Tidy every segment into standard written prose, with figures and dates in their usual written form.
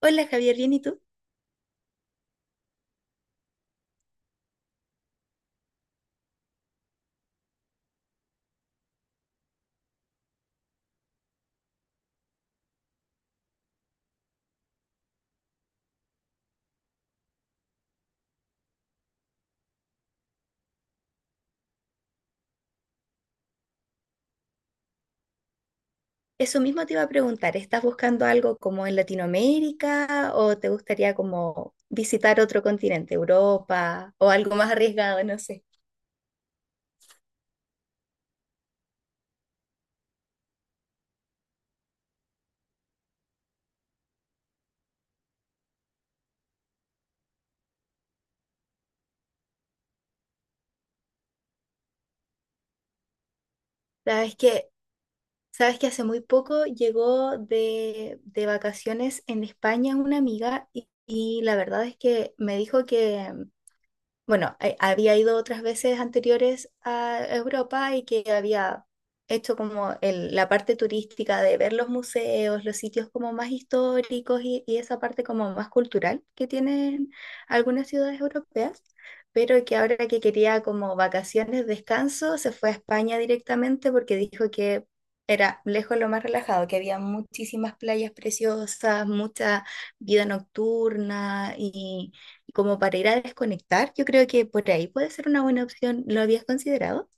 Hola Javier, ¿bien y tú? Eso mismo te iba a preguntar. ¿Estás buscando algo como en Latinoamérica o te gustaría como visitar otro continente, Europa o algo más arriesgado, no sé? Sabes que, sabes que hace muy poco llegó de vacaciones en España una amiga y la verdad es que me dijo que bueno, había ido otras veces anteriores a Europa y que había hecho como la parte turística de ver los museos, los sitios como más históricos y esa parte como más cultural que tienen algunas ciudades europeas, pero que ahora que quería como vacaciones, descanso, se fue a España directamente porque dijo que era lejos lo más relajado, que había muchísimas playas preciosas, mucha vida nocturna como para ir a desconectar. Yo creo que por ahí puede ser una buena opción. ¿Lo habías considerado?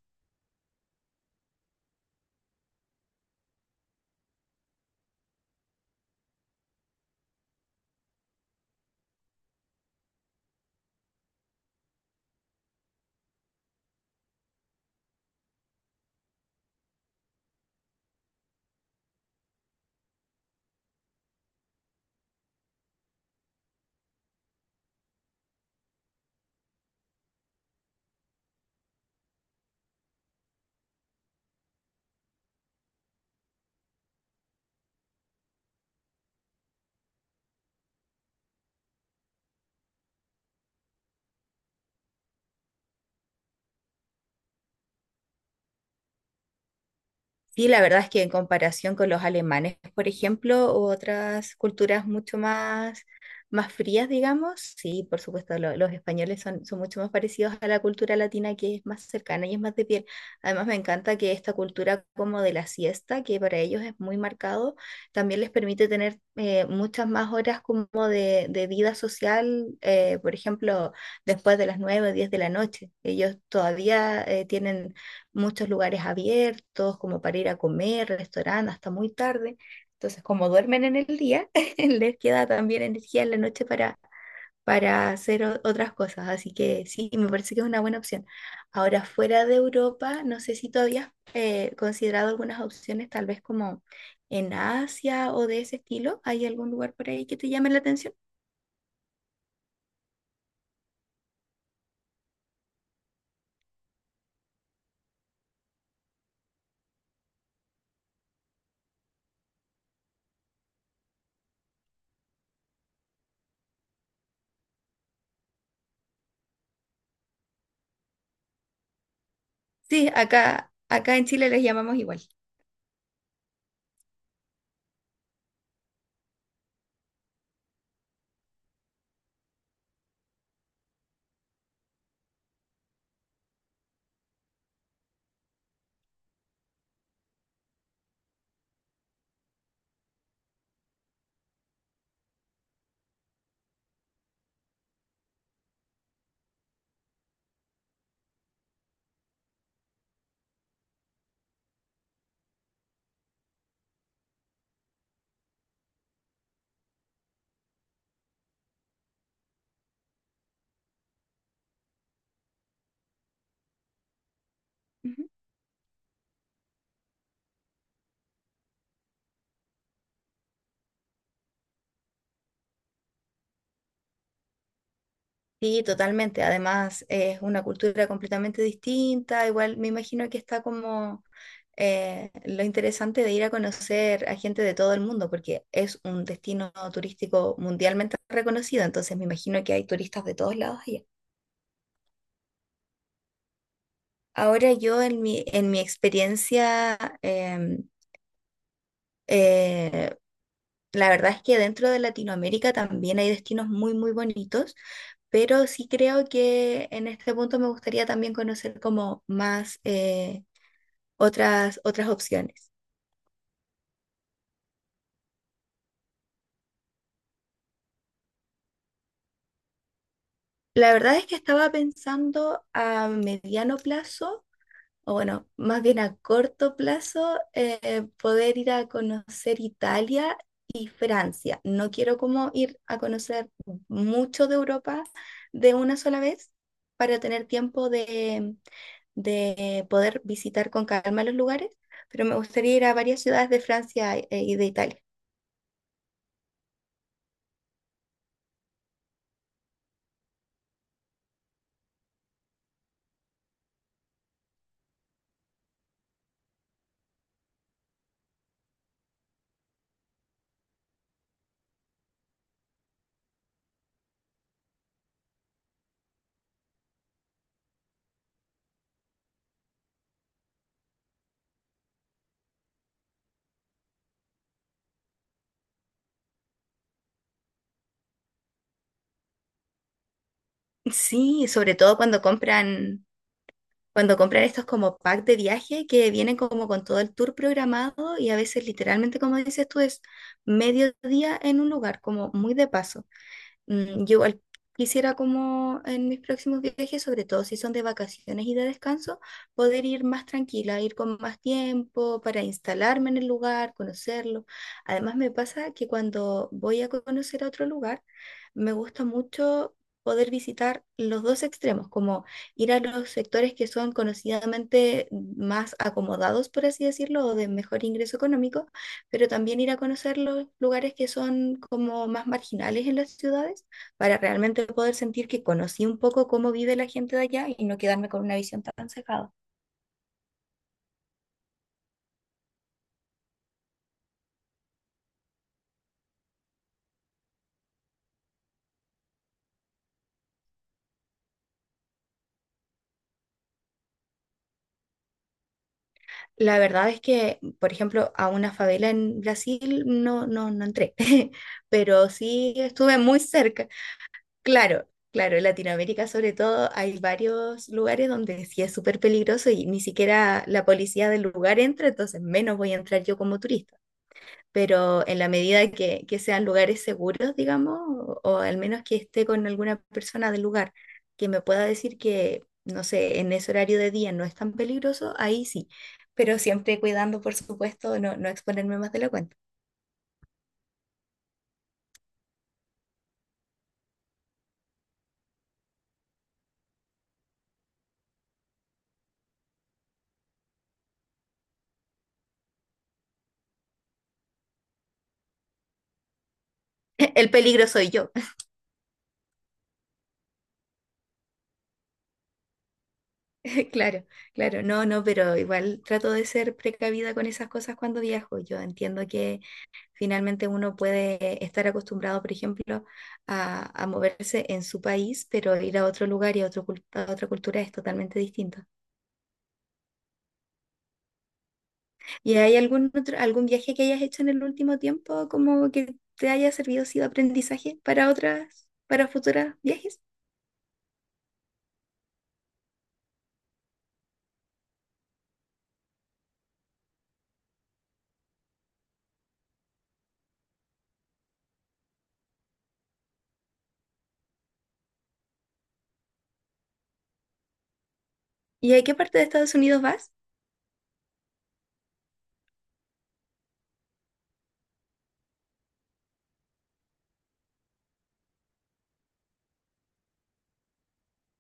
Sí, la verdad es que en comparación con los alemanes, por ejemplo, u otras culturas mucho más, más frías, digamos, sí, por supuesto, los españoles son, son mucho más parecidos a la cultura latina que es más cercana y es más de piel. Además, me encanta que esta cultura como de la siesta, que para ellos es muy marcado, también les permite tener muchas más horas como de vida social, por ejemplo, después de las 9, o 10 de la noche. Ellos todavía tienen muchos lugares abiertos, como para ir a comer, restaurantes, hasta muy tarde. Entonces, como duermen en el día, les queda también energía en la noche para hacer otras cosas. Así que sí, me parece que es una buena opción. Ahora, fuera de Europa, no sé si todavía has considerado algunas opciones, tal vez como en Asia o de ese estilo. ¿Hay algún lugar por ahí que te llame la atención? Sí, acá en Chile les llamamos igual. Ujú. Sí, totalmente. Además, es una cultura completamente distinta. Igual me imagino que está como lo interesante de ir a conocer a gente de todo el mundo, porque es un destino turístico mundialmente reconocido. Entonces, me imagino que hay turistas de todos lados allá. Ahora yo en mi experiencia, eh, la verdad es que dentro de Latinoamérica también hay destinos muy, muy bonitos, pero sí creo que en este punto me gustaría también conocer como más otras, otras opciones. La verdad es que estaba pensando a mediano plazo, o bueno, más bien a corto plazo, poder ir a conocer Italia y Francia. No quiero como ir a conocer mucho de Europa de una sola vez para tener tiempo de poder visitar con calma los lugares, pero me gustaría ir a varias ciudades de Francia y de Italia. Sí, sobre todo cuando compran estos como pack de viaje que vienen como con todo el tour programado y a veces literalmente, como dices tú, es medio día en un lugar, como muy de paso. Mm, yo igual quisiera como en mis próximos viajes, sobre todo si son de vacaciones y de descanso, poder ir más tranquila, ir con más tiempo para instalarme en el lugar, conocerlo. Además me pasa que cuando voy a conocer a otro lugar, me gusta mucho poder visitar los dos extremos, como ir a los sectores que son conocidamente más acomodados, por así decirlo, o de mejor ingreso económico, pero también ir a conocer los lugares que son como más marginales en las ciudades para realmente poder sentir que conocí un poco cómo vive la gente de allá y no quedarme con una visión tan cerrada. La verdad es que, por ejemplo, a una favela en Brasil no, no, no entré, pero sí estuve muy cerca. Claro. Claro, en Latinoamérica sobre todo hay varios lugares donde sí es súper peligroso y ni siquiera la policía del lugar entra, entonces menos voy a entrar yo como turista. Pero en la medida que sean lugares seguros, digamos, o al menos que esté con alguna persona del lugar que me pueda decir que, no sé, en ese horario de día no es tan peligroso, ahí sí, pero siempre cuidando, por supuesto, no, no exponerme más de la cuenta. El peligro soy yo. Claro, claro, no, no, pero igual trato de ser precavida con esas cosas cuando viajo. Yo entiendo que finalmente uno puede estar acostumbrado, por ejemplo, a moverse en su país, pero ir a otro lugar y a, a otra cultura es totalmente distinto. ¿Y hay algún otro, algún viaje que hayas hecho en el último tiempo como que te haya servido, sido aprendizaje para otras, para futuros viajes? ¿Y a qué parte de Estados Unidos vas?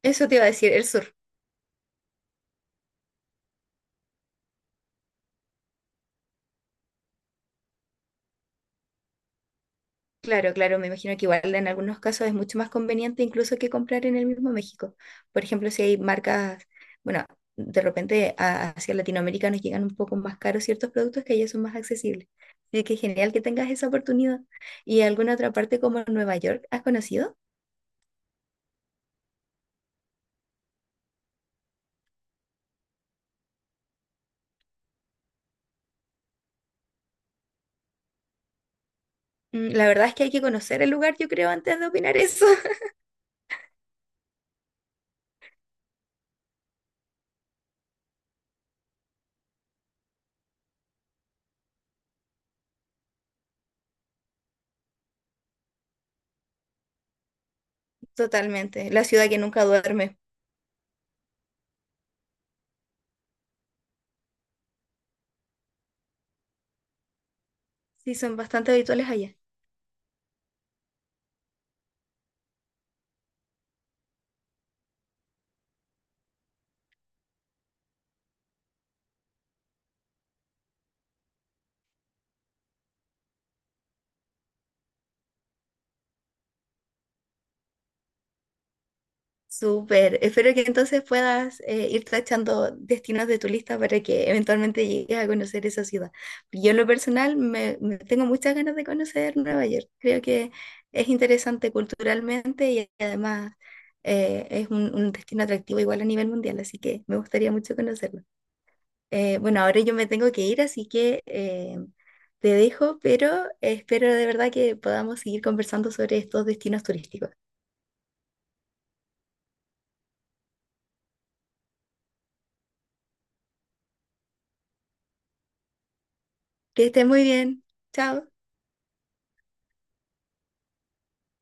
Eso te iba a decir, el sur. Claro, claro, me imagino que igual en algunos casos es mucho más conveniente incluso que comprar en el mismo México. Por ejemplo, si hay marcas, bueno, de repente hacia Latinoamérica nos llegan un poco más caros ciertos productos que allá son más accesibles. Así que genial que tengas esa oportunidad. ¿Y alguna otra parte como Nueva York has conocido? Mm, la verdad es que hay que conocer el lugar, yo creo, antes de opinar eso. Totalmente, la ciudad que nunca duerme. Sí, son bastante habituales allá. Súper. Espero que entonces puedas ir tachando destinos de tu lista para que eventualmente llegues a conocer esa ciudad. Yo en lo personal me tengo muchas ganas de conocer Nueva York. Creo que es interesante culturalmente y además es un destino atractivo igual a nivel mundial, así que me gustaría mucho conocerlo. Bueno, ahora yo me tengo que ir, así que te dejo, pero espero de verdad que podamos seguir conversando sobre estos destinos turísticos. Que estés muy bien. Chao.